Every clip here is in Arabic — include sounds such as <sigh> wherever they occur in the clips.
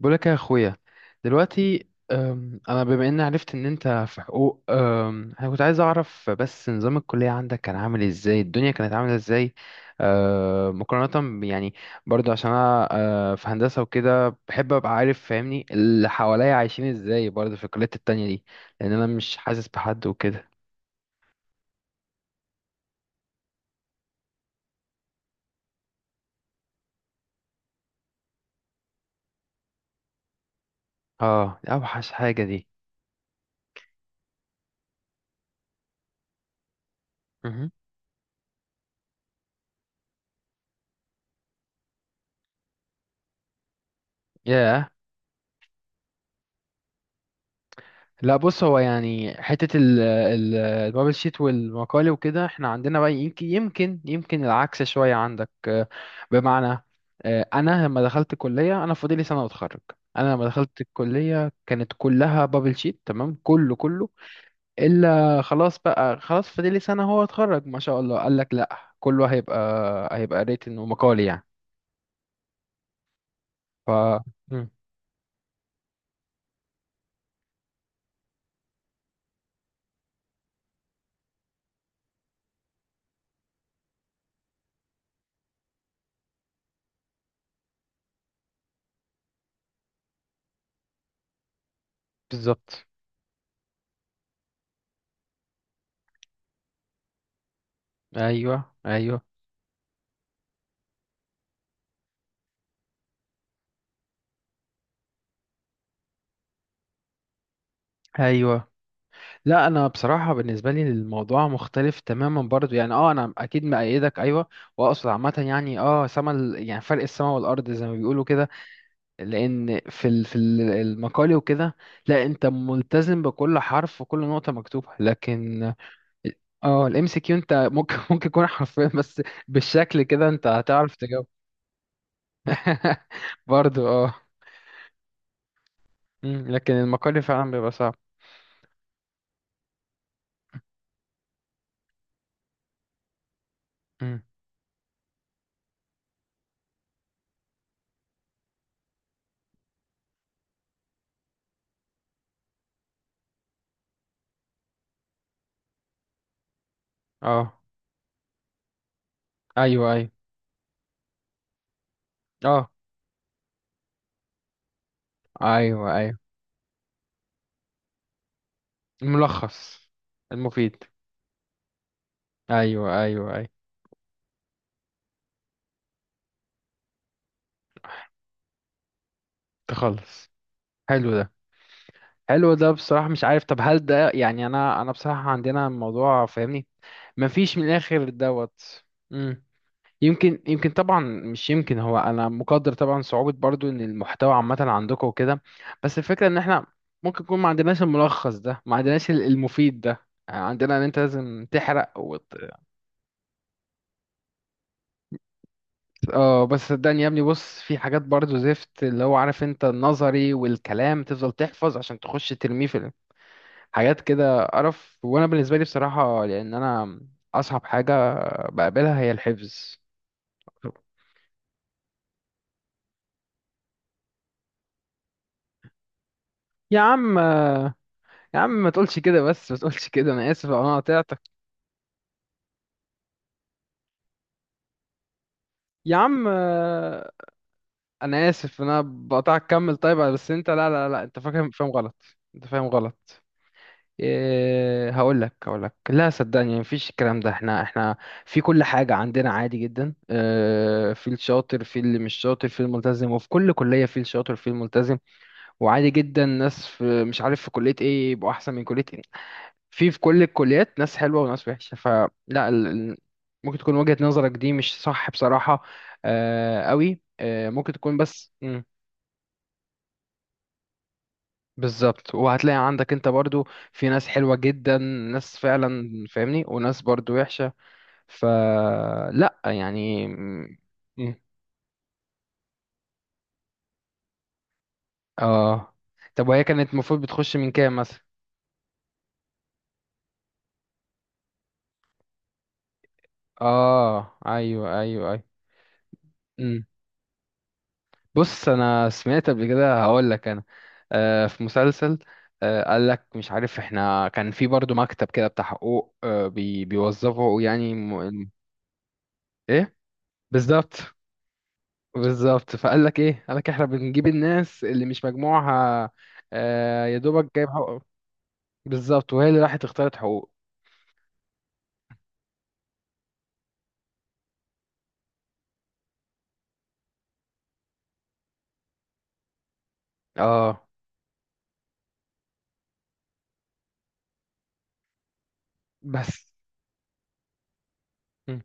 بقولك يا اخويا، دلوقتي انا بما اني عرفت ان انت في حقوق، انا كنت عايز اعرف بس نظام الكلية عندك كان عامل ازاي، الدنيا كانت عاملة ازاي. مقارنة يعني برضو عشان انا في هندسة وكده بحب ابقى عارف، فاهمني اللي حواليا عايشين ازاي برضو في الكليات التانية دي. لان انا مش حاسس بحد وكده. اه، دي اوحش حاجة دي. مهم. ياه. لا، بص، هو يعني حتة ال البابل شيت والمقالي وكده احنا عندنا بقى يمكن العكس شوية عندك، بمعنى، أنا لما دخلت الكلية أنا فاضلي سنة وأتخرج. أنا لما دخلت الكلية كانت كلها بابل شيت تمام، كله كله. إلا خلاص بقى، خلاص فاضلي سنة هو أتخرج ما شاء الله، قال لك لأ كله هيبقى، هيبقى ريتن ومقالي يعني. ف مم. بالظبط. أيوه، أيوه، أيوه. لا، انا بصراحه بالنسبه لي الموضوع مختلف تماما برضو يعني، اه انا اكيد مأيدك، ايوه. واقصد عامه يعني يعني فرق السما والارض زي ما بيقولوا كده. لان المقال وكده. لا، انت ملتزم بكل حرف وكل نقطه مكتوبه، لكن اه الام سي كيو انت ممكن <laughs> ممكن يكون حرفيا بس، بالشكل كده انت هتعرف تجاوب. <laughs> برضو، اه. مم. لكن المقال فعلا بيبقى صعب. مم. اه، ايوه، ايوه. اه، ايوه، ايوه. الملخص. المفيد. ايوه، ايوه، ايوه. تخلص. حلو ده. حلو ده بصراحة، مش عارف. طب هل ده يعني انا بصراحة عندنا الموضوع فاهمني، مفيش من الاخر دوت. امم يمكن طبعا مش يمكن، هو انا مقدر طبعا صعوبة برضو ان المحتوى عامة عندكم وكده. بس الفكرة ان احنا ممكن يكون ما عندناش الملخص ده، ما عندناش المفيد ده، يعني عندنا ان انت لازم تحرق اه، بس صدقني يا ابني، بص في حاجات برضو زفت اللي هو عارف انت النظري والكلام تفضل تحفظ عشان تخش ترميه في حاجات كده قرف، وانا بالنسبه لي بصراحه لان انا، اصعب حاجه بقابلها هي الحفظ. يا عم. يا عم، ما تقولش كده بس، ما تقولش كده. انا اسف لو انا قطعتك. يا عم. انا اسف انا بقطعك، كمل. طيب بس انت، لا لا لا، انت فاهم غلط. انت فاهم غلط. إيه، هقول لك. لا صدقني مفيش الكلام ده، احنا في كل حاجة عندنا عادي جدا إيه، في الشاطر، في اللي مش شاطر، في الملتزم، وفي كل كلية في الشاطر في الملتزم. وعادي جدا ناس في مش عارف في كلية ايه يبقوا احسن من كلية ايه. في كل الكليات ناس حلوة وناس وحشة، فلا ال... ال- ممكن تكون وجهة نظرك دي مش صح بصراحة. قوي، ممكن تكون، بس. مم. بالظبط، وهتلاقي عندك انت برضو في ناس حلوة جدا، ناس فعلا فاهمني، وناس برضو وحشة. فلا يعني. مم. مم. اه، طب وهي كانت المفروض بتخش من كام مثلا؟ اه، ايوه، ايوه، ايوه. إمم. بص، انا سمعت قبل كده هقول لك انا، في مسلسل، قال لك مش عارف، احنا كان في برضو مكتب كده بتاع حقوق، بيوظفوا يعني ايه. بالظبط. بالظبط فقال لك ايه، قال لك احنا بنجيب الناس اللي مش مجموعها، يا دوبك جايب حقوق. بالظبط، وهي اللي راحت اختارت حقوق. اه. بس. مم.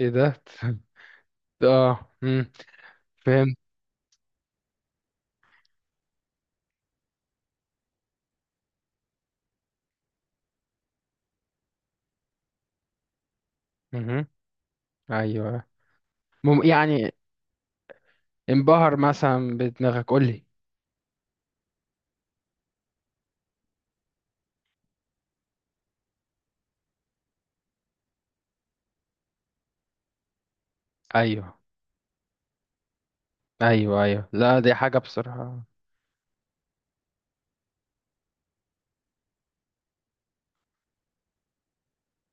ايه ده! <laughs> اه. مم. فهمت. مهم. ايوه. مم. يعني انبهر مثلا بدماغك؟ قول لي. ايوه، ايوه، ايوه. لا دي حاجه بصراحه.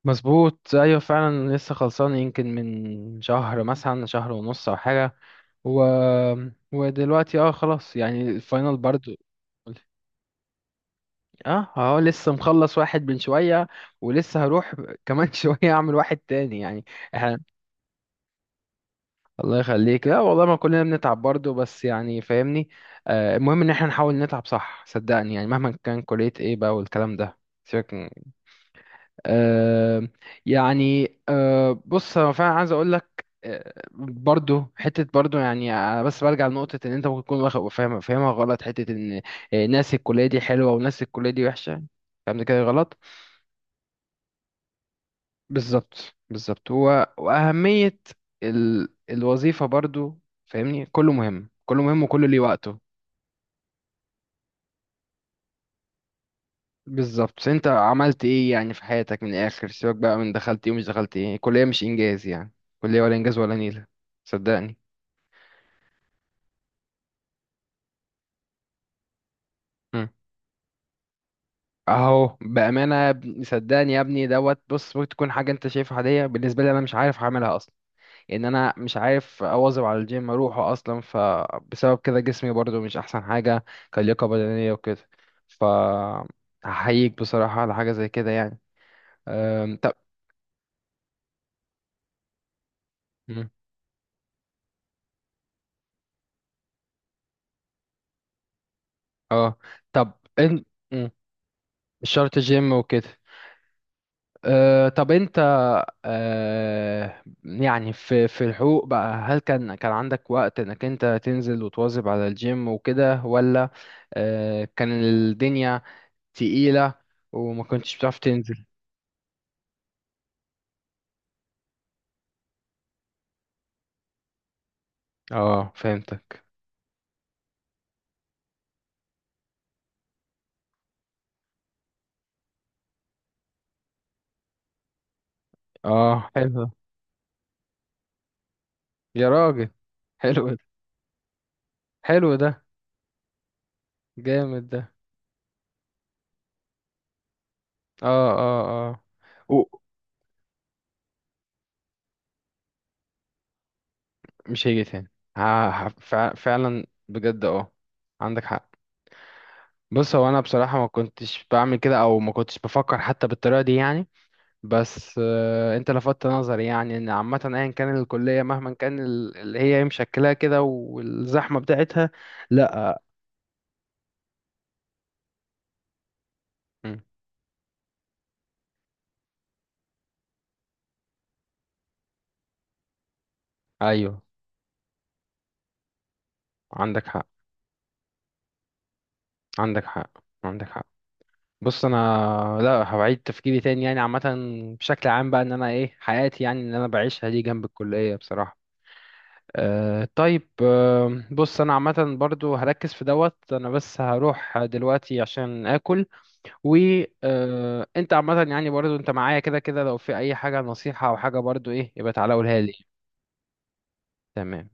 مظبوط. ايوه فعلا لسه خلصان يمكن من شهر، مثلا شهر ونص او حاجه. و... ودلوقتي خلاص يعني الفاينل برضو. اه، اه، لسه مخلص واحد من شويه، ولسه هروح كمان <laughs> شويه، اعمل واحد تاني يعني. احنا، الله يخليك. لا والله، ما كلنا بنتعب برضو، بس يعني فاهمني. المهم ان احنا نحاول نتعب صح، صدقني يعني مهما كان كليه ايه بقى والكلام ده، سيبك. آه، يعني بص انا فعلا عايز اقول لك، برضو حته برضو يعني. أنا بس برجع لنقطه ان انت ممكن تكون فاهمها غلط، حته ان ناس الكليه دي حلوه وناس الكليه دي وحشه، الكلام ده كده غلط. بالظبط، بالظبط. هو واهميه الوظيفه برضو، فاهمني، كله مهم كله مهم، وكله ليه وقته. بالظبط. انت عملت ايه يعني في حياتك من الاخر؟ سيبك بقى من دخلت ايه ومش دخلت ايه، الكليه مش انجاز يعني، كليه ولا انجاز ولا نيله. صدقني. اهو بامانه صدقني يا ابني دوت. بص ممكن تكون حاجه انت شايفها عاديه، بالنسبه لي انا مش عارف هعملها اصلا، ان انا مش عارف اواظب على الجيم اروحه اصلا، فبسبب كده جسمي برضو مش احسن حاجه، كلياقه بدنيه وكده. ف هحييك بصراحه على حاجه زي كده يعني. طب. مم. اه طب، ان. مم. مش شرط جيم وكده. طب انت، يعني في الحقوق بقى، هل كان عندك وقت انك انت تنزل وتواظب على الجيم وكده ولا، كان الدنيا تقيلة وما كنتش بتعرف تنزل؟ اه، فهمتك. اه، حلو ده. يا راجل. حلو ده. حلو ده. جامد ده. اه، اه، اه. و- مش هيجي تاني. فعلا بجد، اه. عندك حق. بص، هو انا بصراحه ما كنتش بعمل كده، او ما كنتش بفكر حتى بالطريقه دي يعني. بس انت لفتت نظري يعني ان عامه ايا كان الكليه، مهما كان اللي هي مشكلاه كده والزحمه بتاعتها. لا. مم. ايوه، عندك حق، عندك حق، عندك حق. بص انا، لا هبعيد تفكيري تاني يعني عامه، بشكل عام بقى، ان انا ايه حياتي يعني اللي انا بعيشها دي جنب الكليه بصراحه. طيب. بص انا عامه برضو هركز في دوت، انا بس هروح دلوقتي عشان اكل. و انت عامه يعني برضو انت معايا كده كده، لو في اي حاجه نصيحه او حاجه برضو ايه يبقى تعالى قولها لي. تمام.